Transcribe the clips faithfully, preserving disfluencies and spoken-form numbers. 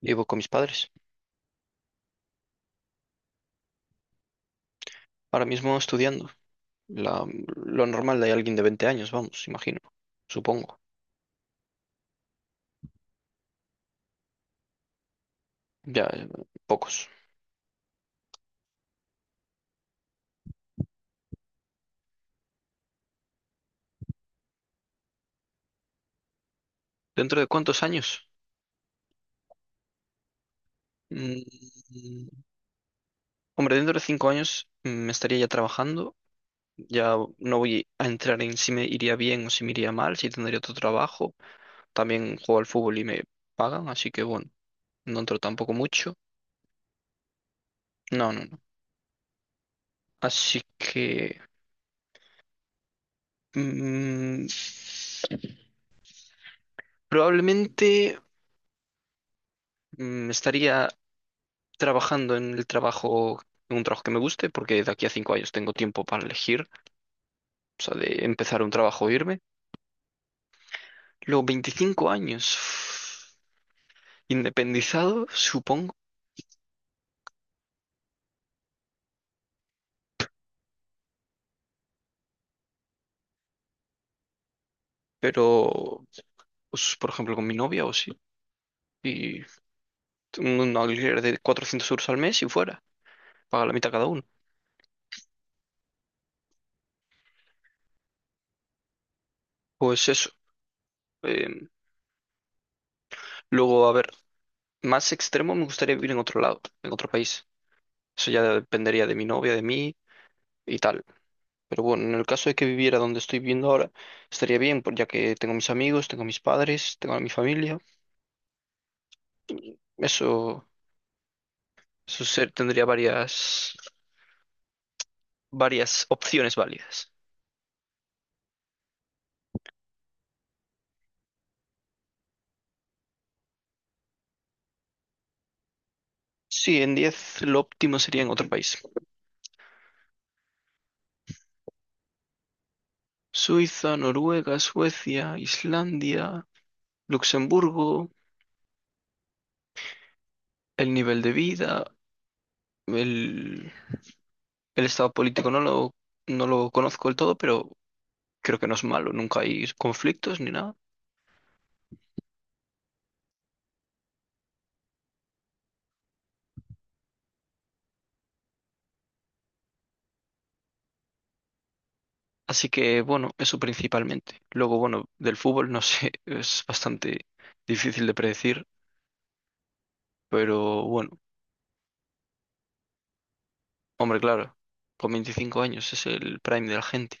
Vivo con mis padres, ahora mismo estudiando. La- lo normal de alguien de veinte años, vamos, imagino, supongo. Ya, eh, pocos. ¿Dentro de cuántos años? Mm, Hombre, dentro de cinco años, mm, me estaría ya trabajando. Ya no voy a entrar en si me iría bien o si me iría mal, si tendría otro trabajo. También juego al fútbol y me pagan, así que bueno, no entro tampoco mucho. No, no, no. Así que mm, probablemente mm, estaría trabajando en el trabajo, en un trabajo que me guste, porque de aquí a cinco años tengo tiempo para elegir, o sea, de empezar un trabajo o irme. Luego veinticinco años independizado, supongo, pero pues, por ejemplo, con mi novia o sí, y un un alquiler de cuatrocientos euros al mes y fuera, paga la mitad cada uno. Pues eso. eh, luego, a ver, más extremo, me gustaría vivir en otro lado, en otro país. Eso ya dependería de mi novia, de mí y tal. Pero bueno, en el caso de que viviera donde estoy viviendo ahora, estaría bien, por- ya que tengo mis amigos, tengo mis padres, tengo a mi familia. Eso, eso, ser- tendría varias, varias opciones válidas. Sí, en diez lo óptimo sería en otro país. Suiza, Noruega, Suecia, Islandia, Luxemburgo, el nivel de vida, el, el estado político no lo, no lo conozco del todo, pero creo que no es malo, nunca hay conflictos ni nada. Así que bueno, eso principalmente. Luego, bueno, del fútbol no sé, es bastante difícil de predecir, pero bueno, hombre, claro, con veinticinco años es el prime de la gente.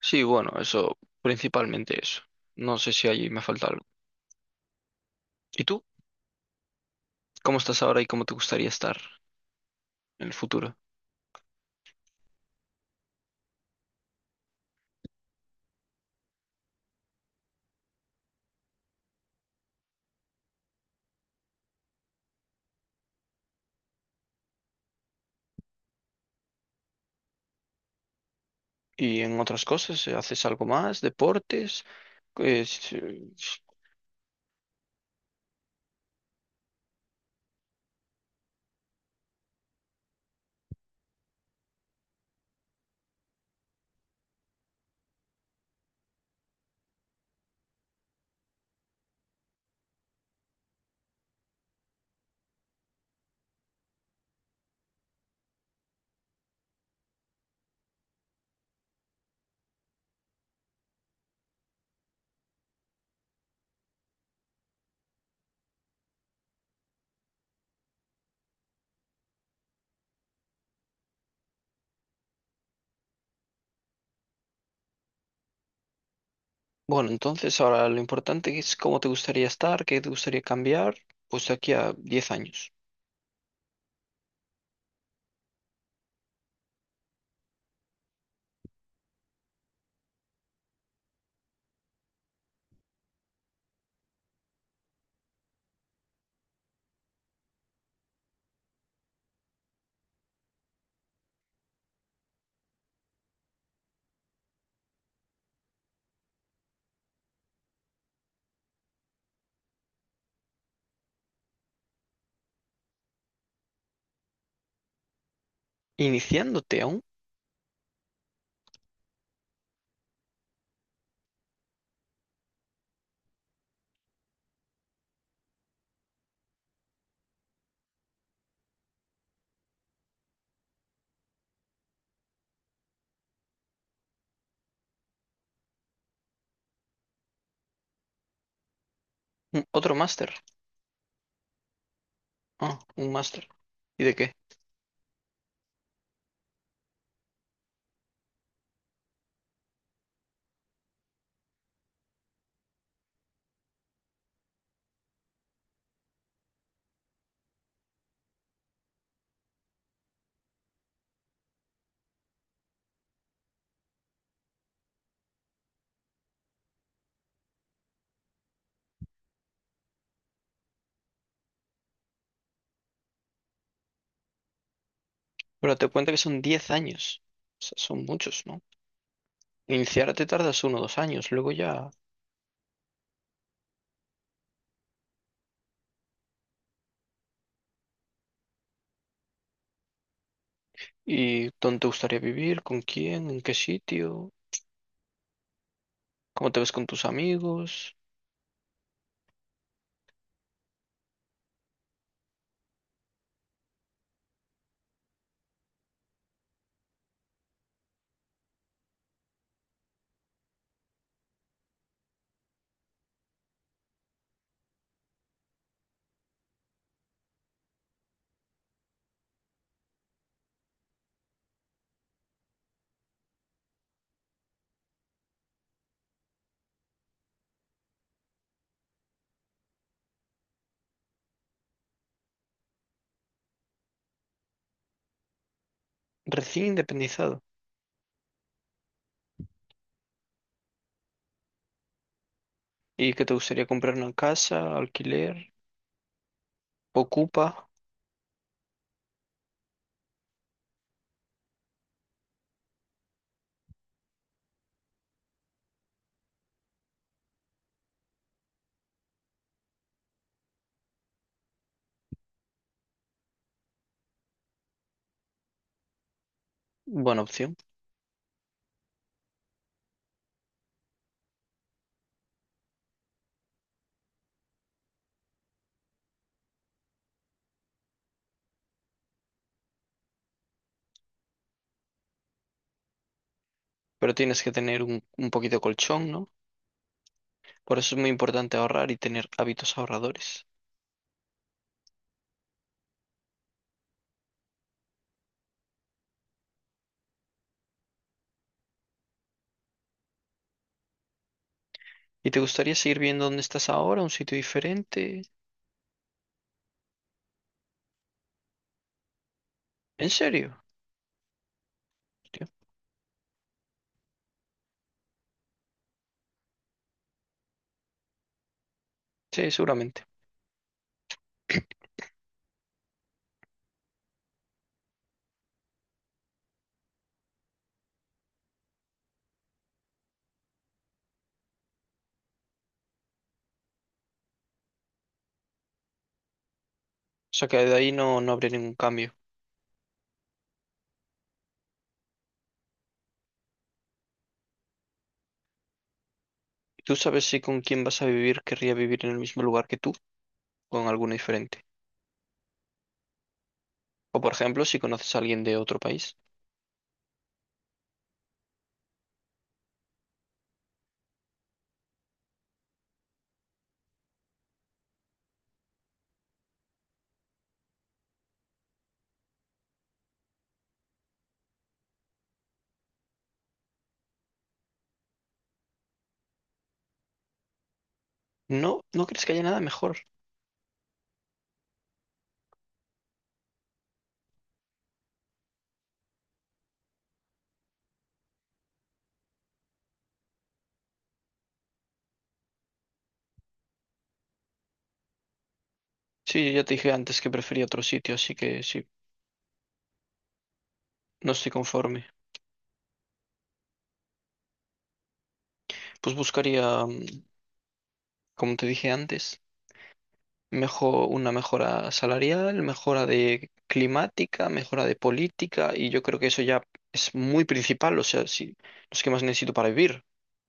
Sí, bueno, eso, principalmente eso. No sé si allí me falta algo. ¿Y tú? ¿Cómo estás ahora y cómo te gustaría estar en el futuro? ¿Y en otras cosas? ¿Haces algo más? ¿Deportes? Pues, eh, Bueno, entonces ahora lo importante es cómo te gustaría estar, qué te gustaría cambiar, pues de aquí a diez años. Iniciándote a un, un- otro máster. Ah, un máster. ¿Y de qué? Pero te cuenta que son diez años. O sea, son muchos, ¿no? Iniciarte tardas uno o dos años, luego ya. ¿Y dónde te gustaría vivir? ¿Con quién? ¿En qué sitio? ¿Cómo te ves con tus amigos? Recién independizado. ¿Y qué te gustaría, comprar una casa, alquiler? ¿Ocupa? Buena opción. Pero tienes que tener un, un poquito de colchón, ¿no? Por eso es muy importante ahorrar y tener hábitos ahorradores. ¿Y te gustaría seguir viendo dónde estás ahora, un sitio diferente? ¿En serio? Tío. Sí, seguramente. O sea que de ahí no, no habría ningún cambio. ¿Tú sabes si con quién vas a vivir querría vivir en el mismo lugar que tú o en alguno diferente? O, por ejemplo, si conoces a alguien de otro país. No, no crees que haya nada mejor. Sí, yo ya te dije antes que prefería otro sitio, así que sí, no estoy conforme. Pues buscaría, mm, como te dije antes, mejor, una mejora salarial, mejora de climática, mejora de política, y yo creo que eso ya es muy principal, o sea, si, los que más necesito para vivir.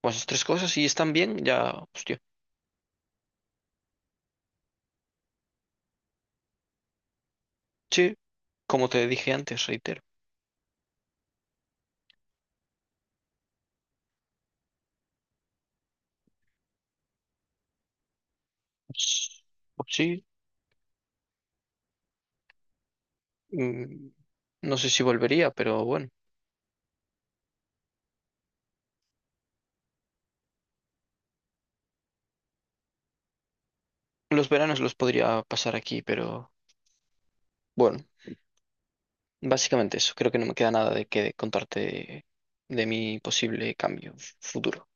Pues esas tres cosas, si están bien, ya, hostia. Sí, como te dije antes, reitero. Pues pues sí, mm, no sé si volvería, pero bueno. Los veranos los podría pasar aquí, pero bueno, básicamente eso. Creo que no me queda nada de que contarte de mi posible cambio futuro.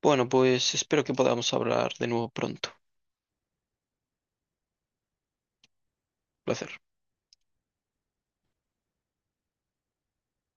Bueno, pues espero que podamos hablar de nuevo pronto. Placer.